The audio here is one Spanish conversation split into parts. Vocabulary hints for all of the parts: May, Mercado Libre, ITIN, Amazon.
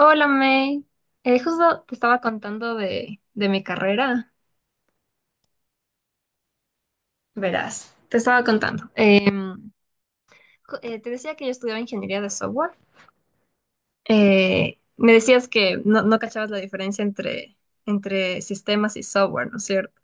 Hola May. Justo te estaba contando de mi carrera, verás, te estaba contando. Te decía que yo estudiaba ingeniería de software. Me decías que no cachabas la diferencia entre sistemas y software, ¿no es cierto?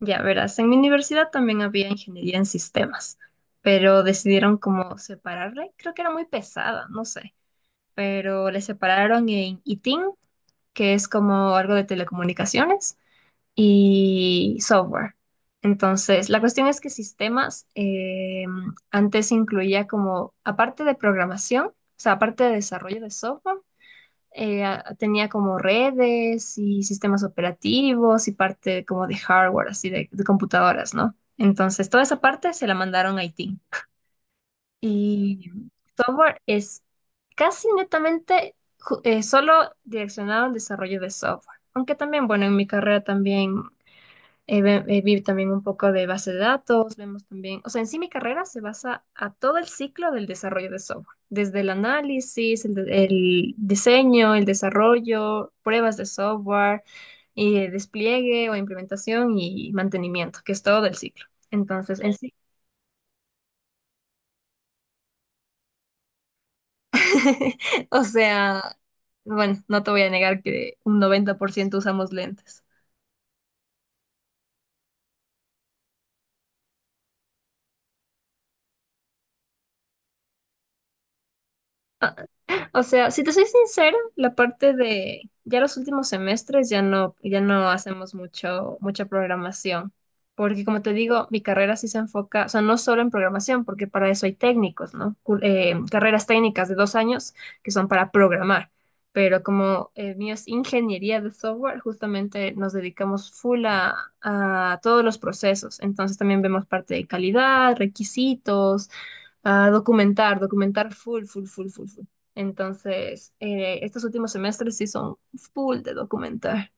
Ya verás, en mi universidad también había ingeniería en sistemas, pero decidieron como separarle. Creo que era muy pesada, no sé, pero le separaron en ITIN, que es como algo de telecomunicaciones y software. Entonces, la cuestión es que sistemas antes incluía como, aparte de programación, o sea, aparte de desarrollo de software, tenía como redes y sistemas operativos y parte como de hardware, así de computadoras, ¿no? Entonces, toda esa parte se la mandaron a IT. Y software es casi netamente solo direccionado al desarrollo de software. Aunque también, bueno, en mi carrera también vi también un poco de base de datos, vemos también, o sea, en sí mi carrera se basa a todo el ciclo del desarrollo de software, desde el análisis, el diseño, el desarrollo, pruebas de software, y el despliegue o implementación y mantenimiento, que es todo el ciclo. Entonces, en sí, o sea, bueno, no te voy a negar que un 90% usamos lentes. O sea, si te soy sincera, la parte de ya los últimos semestres ya no, ya no hacemos mucha programación. Porque como te digo, mi carrera sí se enfoca, o sea, no solo en programación, porque para eso hay técnicos, ¿no? Carreras técnicas de 2 años que son para programar. Pero como mío es ingeniería de software, justamente nos dedicamos full a todos los procesos. Entonces también vemos parte de calidad, requisitos, a documentar, documentar full, full, full, full, full. Entonces, estos últimos semestres sí son full de documentar.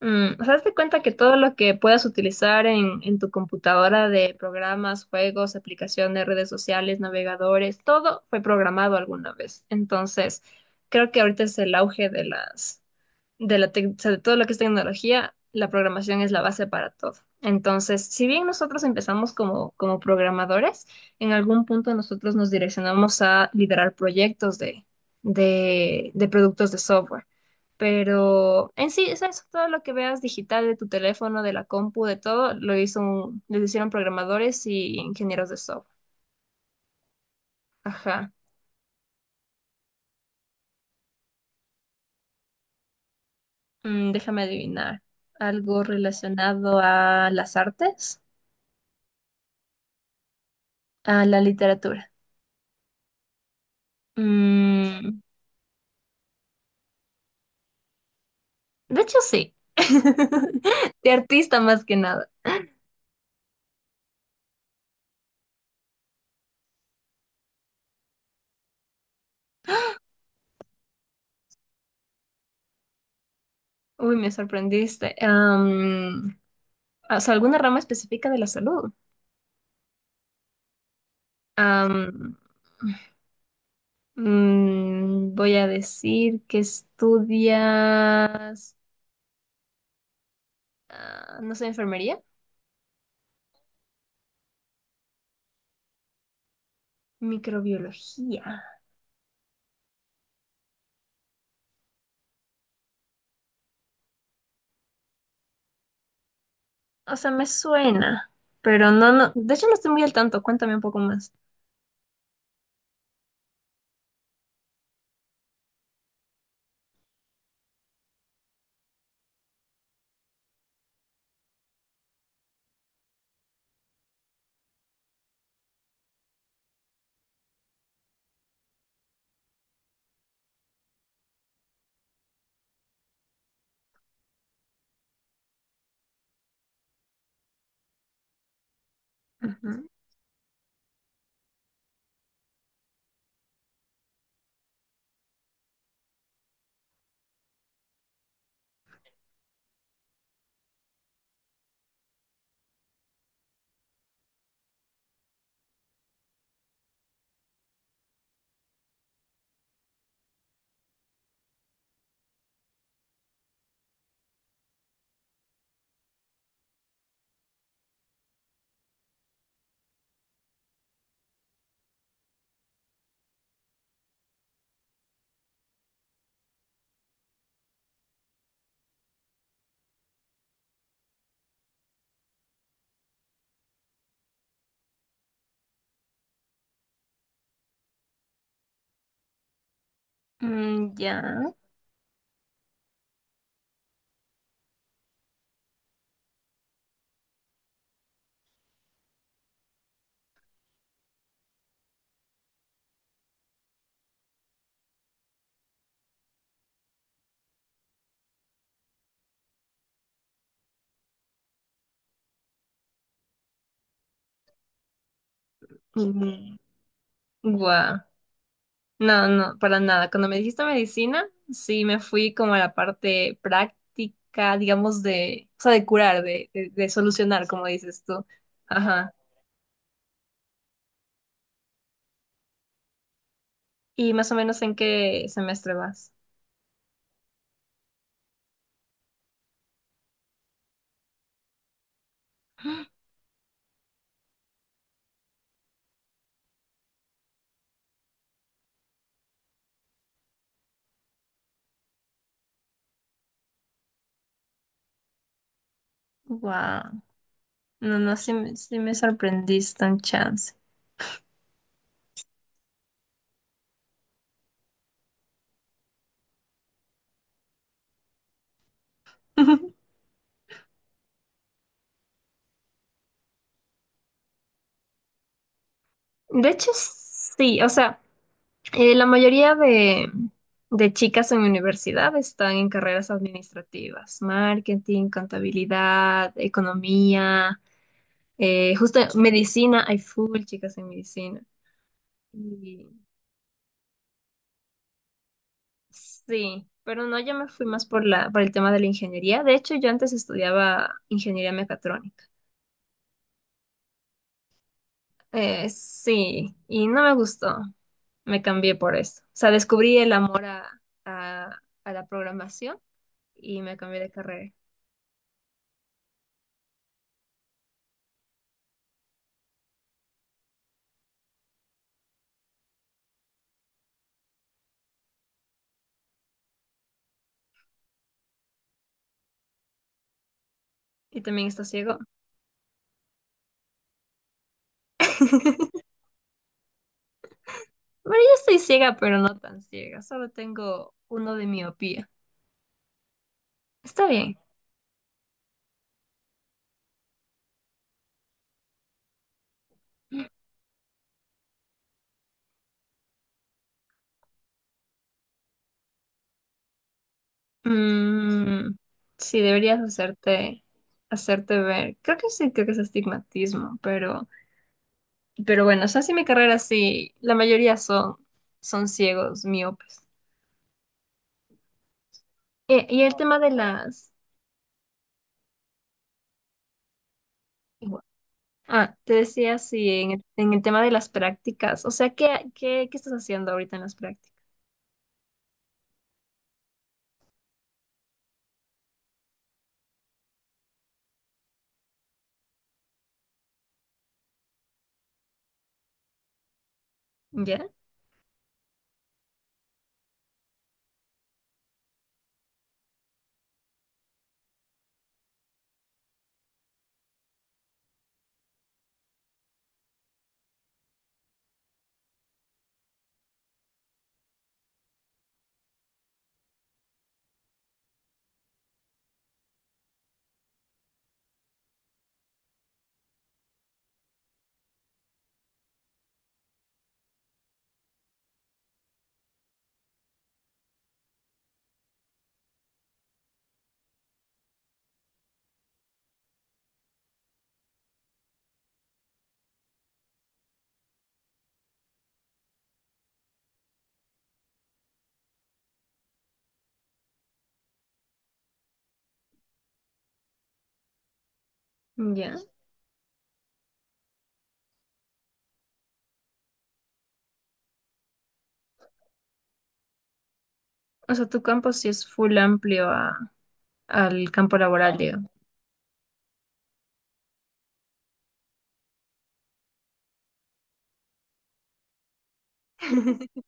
Mm, o sea, hazte cuenta que todo lo que puedas utilizar en tu computadora de programas, juegos, aplicaciones, redes sociales, navegadores, todo fue programado alguna vez. Entonces, creo que ahorita es el auge de las de la sobre todo lo que es tecnología, la programación es la base para todo. Entonces, si bien nosotros empezamos como programadores, en algún punto nosotros nos direccionamos a liderar proyectos de productos de software. Pero en sí, es eso, todo lo que veas digital de tu teléfono, de la compu, de todo, lo hicieron programadores y ingenieros de software. Ajá. Mm, déjame adivinar. Algo relacionado a las artes, a la literatura. Mm, de hecho, sí. De artista más que nada. Uy, me sorprendiste. O sea, alguna rama específica de la salud. Am, Voy a decir que estudias, ah, no sé, enfermería, microbiología. O sea, me suena, pero no, no. De hecho, no estoy muy al tanto. Cuéntame un poco más. Ujú. Mm, ya. Mm, guau. No, no, para nada. Cuando me dijiste medicina, sí me fui como a la parte práctica, digamos, o sea, de curar, de solucionar, como dices tú. Ajá. ¿Y más o menos en qué semestre vas? Wow. No, no, sí, sí me sorprendiste un chance. De hecho, sí, o sea, la mayoría de chicas en mi universidad están en carreras administrativas, marketing, contabilidad, economía. Justo medicina, hay full chicas en medicina. Y sí, pero no, yo me fui más por por el tema de la ingeniería. De hecho, yo antes estudiaba ingeniería mecatrónica. Sí, y no me gustó. Me cambié por eso. O sea, descubrí el amor a la programación y me cambié de carrera. Y también está ciego. Bueno, yo estoy ciega, pero no tan ciega. Solo tengo uno de miopía. Está bien. Mm, sí, deberías hacerte ver. Creo que sí, creo que es estigmatismo, pero bueno, o sea, sí mi carrera sí, la mayoría son ciegos, miopes. Y el tema de las... Ah, te decía, sí, en el tema de las prácticas, o sea, ¿qué estás haciendo ahorita en las prácticas? ¿Ya? ¿Ya? O sea, tu campo sí es full amplio al campo laboral, digo.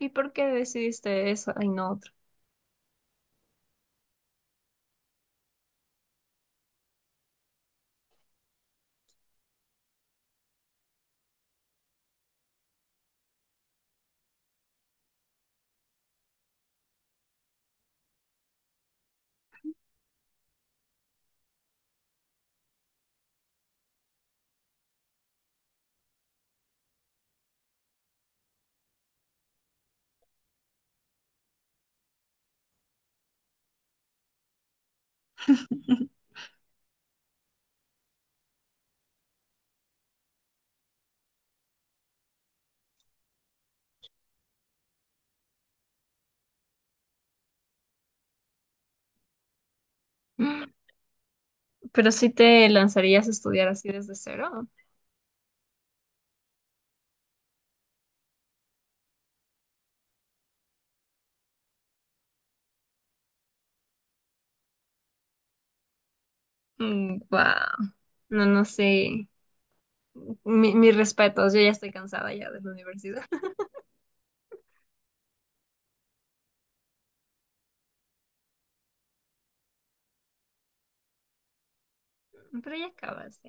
¿Y por qué decidiste eso y no otro? Pero sí te lanzarías a estudiar así desde cero. Mm, wow. No, no sé. Mis respetos, yo ya estoy cansada ya de la universidad. Pero ya acabas.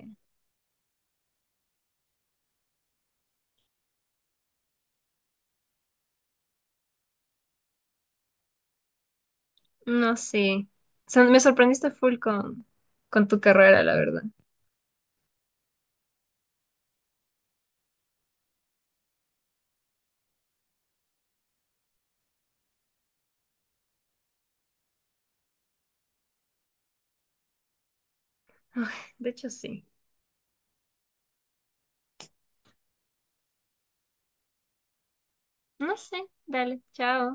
No sé. O sea, me sorprendiste full con tu carrera, la verdad. Ay, de hecho, sí. No sé. Dale, chao.